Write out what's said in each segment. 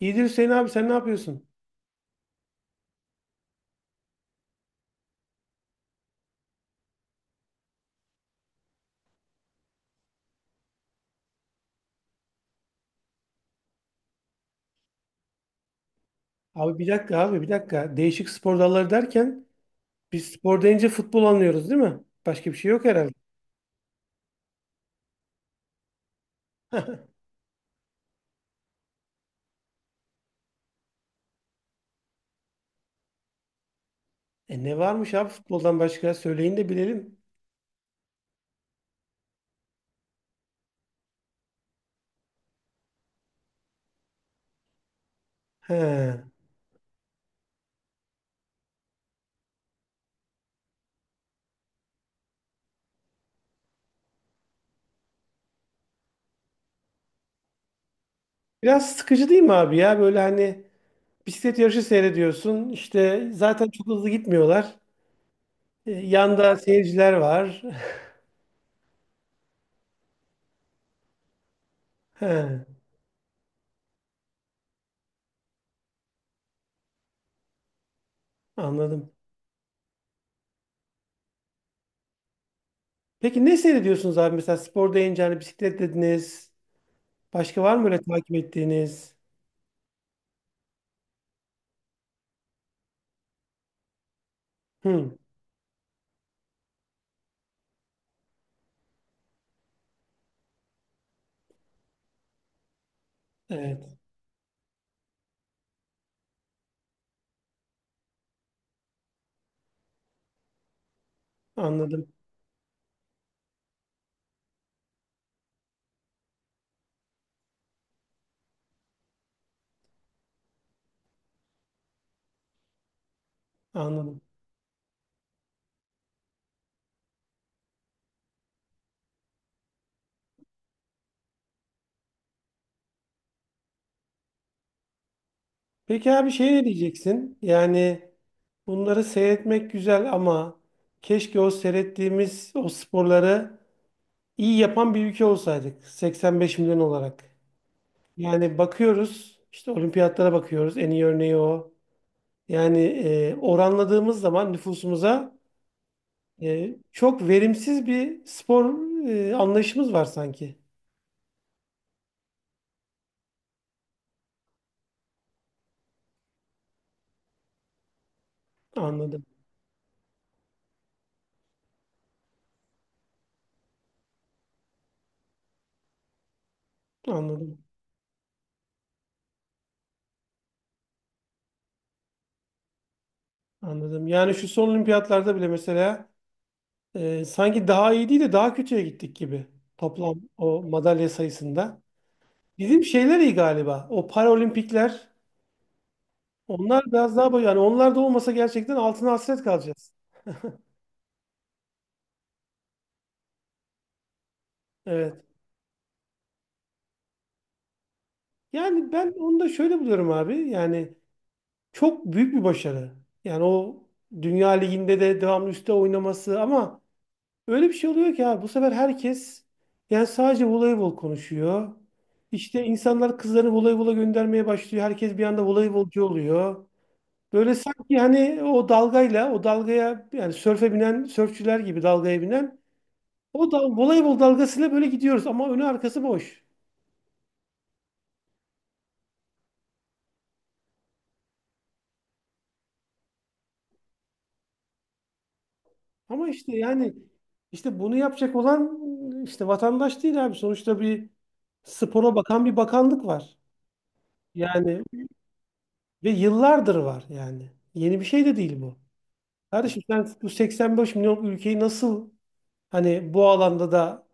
İyidir Hüseyin abi sen ne yapıyorsun? Abi bir dakika abi bir dakika. Değişik spor dalları derken biz spor deyince futbol anlıyoruz değil mi? Başka bir şey yok herhalde. E ne varmış abi futboldan başka? Söyleyin de bilelim. He. Biraz sıkıcı değil mi abi ya? Böyle hani bisiklet yarışı seyrediyorsun. İşte zaten çok hızlı gitmiyorlar. Yanda seyirciler var. He, anladım. Peki ne seyrediyorsunuz abi? Mesela spor deyince hani bisiklet dediniz. Başka var mı öyle takip ettiğiniz? Hı, evet. Anladım. Anladım. Peki abi şey ne diyeceksin? Yani bunları seyretmek güzel ama keşke o seyrettiğimiz o sporları iyi yapan bir ülke olsaydık 85 milyon olarak. Yani bakıyoruz, işte olimpiyatlara bakıyoruz, en iyi örneği o. Yani oranladığımız zaman nüfusumuza çok verimsiz bir spor anlayışımız var sanki. Anladım, anladım, anladım. Yani şu son olimpiyatlarda bile mesela sanki daha iyi değil de daha kötüye gittik gibi toplam o madalya sayısında. Bizim şeyler iyi galiba. O Paralimpikler, onlar biraz daha yani onlar da olmasa gerçekten altına hasret kalacağız. Evet. Yani ben onu da şöyle buluyorum abi. Yani çok büyük bir başarı. Yani o Dünya Ligi'nde de devamlı üstte oynaması, ama öyle bir şey oluyor ki abi bu sefer herkes yani sadece voleybol konuşuyor. İşte insanlar kızlarını voleybola göndermeye başlıyor. Herkes bir anda voleybolcu oluyor. Böyle sanki hani o dalgayla, o dalgaya, yani sörfe binen, sörfçüler gibi dalgaya binen, o da, voleybol dalgasıyla böyle gidiyoruz ama önü arkası boş. Ama işte yani işte bunu yapacak olan işte vatandaş değil abi. Sonuçta bir spora bakan bir bakanlık var. Yani ve yıllardır var yani. Yeni bir şey de değil bu. Kardeşim sen bu 85 milyon ülkeyi nasıl, hani bu alanda da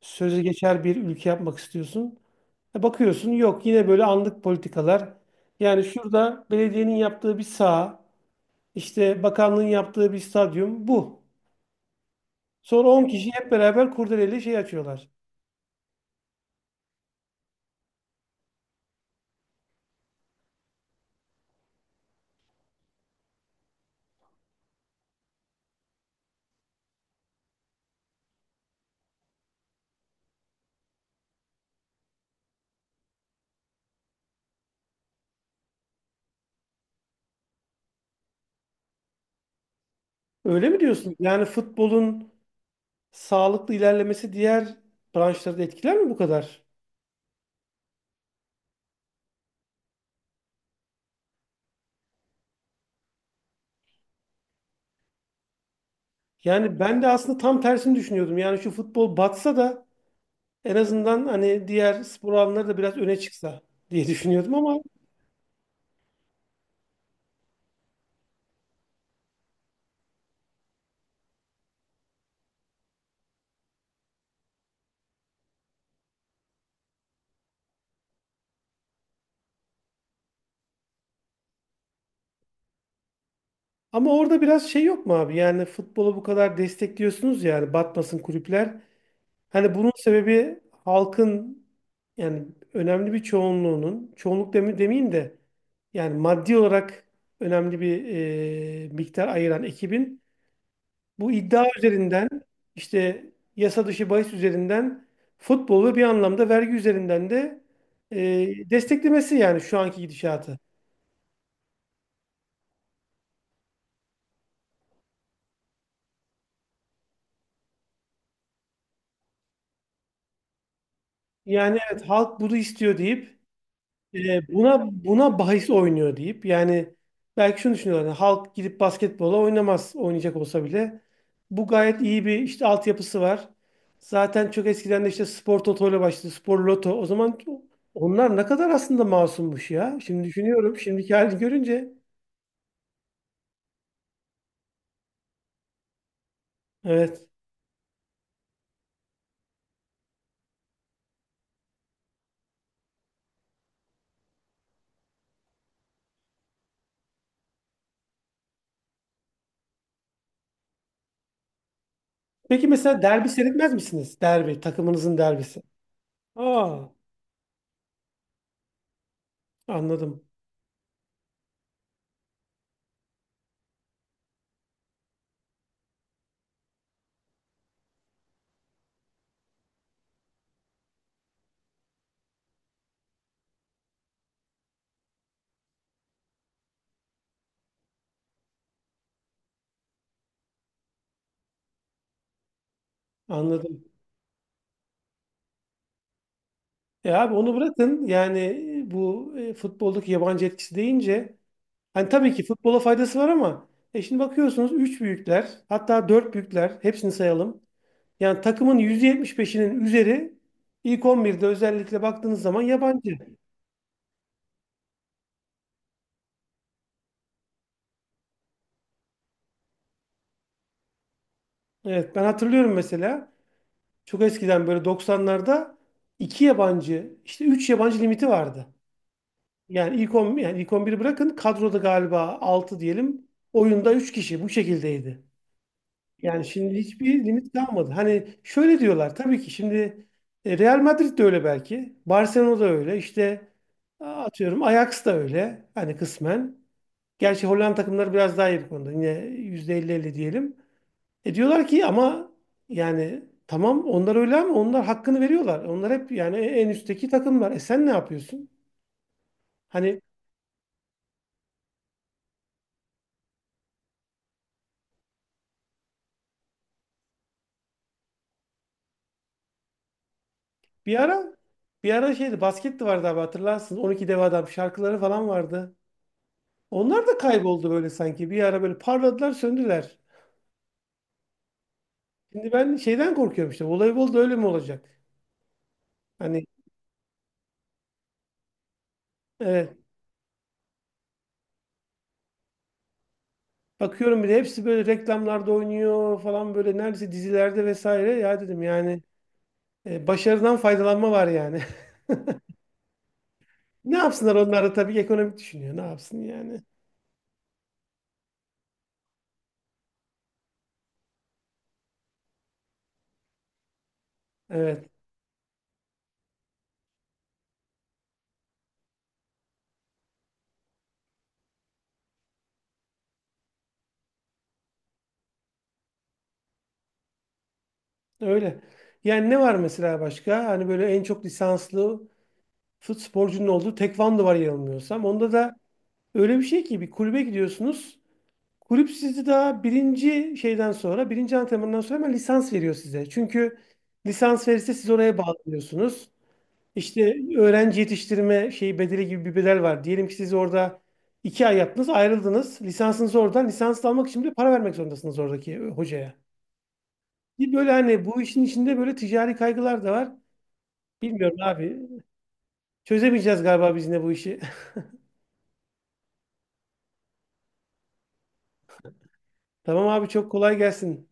sözü geçer bir ülke yapmak istiyorsun. E bakıyorsun, yok, yine böyle anlık politikalar. Yani şurada belediyenin yaptığı bir saha, işte bakanlığın yaptığı bir stadyum bu. Sonra 10 kişi hep beraber kurdeleyle şey açıyorlar. Öyle mi diyorsun? Yani futbolun sağlıklı ilerlemesi diğer branşları da etkiler mi bu kadar? Yani ben de aslında tam tersini düşünüyordum. Yani şu futbol batsa da en azından hani diğer spor alanları da biraz öne çıksa diye düşünüyordum ama. Ama orada biraz şey yok mu abi? Yani futbolu bu kadar destekliyorsunuz ya, yani batmasın kulüpler. Hani bunun sebebi halkın, yani önemli bir çoğunluğunun, çoğunluk demeyeyim de, yani maddi olarak önemli bir miktar ayıran ekibin bu iddia üzerinden, işte yasa dışı bahis üzerinden futbolu ve bir anlamda vergi üzerinden de desteklemesi, yani şu anki gidişatı. Yani evet, halk bunu istiyor deyip, buna bahis oynuyor deyip yani belki şunu düşünüyorlar. Yani halk gidip basketbola oynamaz, oynayacak olsa bile. Bu gayet iyi, bir işte altyapısı var. Zaten çok eskiden de işte spor toto ile başladı. Spor loto. O zaman onlar ne kadar aslında masummuş ya. Şimdi düşünüyorum, şimdiki halini görünce. Evet. Peki mesela derbi seyretmez misiniz? Derbi. Takımınızın derbisi. Aa, anladım. Anladım. E abi onu bırakın. Yani bu futboldaki yabancı etkisi deyince, hani tabii ki futbola faydası var ama şimdi bakıyorsunuz, 3 büyükler, hatta 4 büyükler, hepsini sayalım. Yani takımın %75'inin üzeri, ilk 11'de özellikle baktığınız zaman, yabancı. Evet, ben hatırlıyorum mesela, çok eskiden, böyle 90'larda 2 yabancı, işte 3 yabancı limiti vardı. Yani ilk 10, yani ilk 11'i bırakın, kadroda galiba altı diyelim, oyunda 3 kişi bu şekildeydi. Yani şimdi hiçbir limit kalmadı. Hani şöyle diyorlar tabii ki, şimdi Real Madrid de öyle belki. Barcelona da öyle. İşte atıyorum, Ajax da öyle. Hani kısmen. Gerçi Hollanda takımları biraz daha iyi bu konuda. Yine %50-50 diyelim. E diyorlar ki ama, yani tamam onlar öyle ama onlar hakkını veriyorlar. Onlar hep yani en üstteki takımlar. E sen ne yapıyorsun? Hani bir ara bir ara şeydi, basket de vardı abi hatırlarsın. 12 dev adam şarkıları falan vardı. Onlar da kayboldu böyle sanki. Bir ara böyle parladılar, söndüler. Şimdi ben şeyden korkuyorum işte. Voleybol öyle mi olacak? Hani evet. Bakıyorum bile hepsi böyle reklamlarda oynuyor falan, böyle neredeyse dizilerde vesaire. Ya dedim yani, başarıdan faydalanma var yani. Ne yapsınlar, onlar da tabii ki ekonomik düşünüyor. Ne yapsın yani? Evet, öyle. Yani ne var mesela başka? Hani böyle en çok lisanslı sporcunun olduğu tekvando var yanılmıyorsam. Onda da öyle bir şey ki bir kulübe gidiyorsunuz. Kulüp sizi daha birinci şeyden sonra, birinci antrenmandan sonra hemen lisans veriyor size. Çünkü lisans verirse siz oraya bağlanıyorsunuz. İşte öğrenci yetiştirme şeyi bedeli gibi bir bedel var. Diyelim ki siz orada 2 ay yaptınız, ayrıldınız. Lisansınız oradan. Lisans almak için de para vermek zorundasınız oradaki hocaya. Böyle hani bu işin içinde böyle ticari kaygılar da var. Bilmiyorum abi. Çözemeyeceğiz galiba biz yine bu işi. Tamam abi, çok kolay gelsin.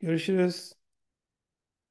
Görüşürüz.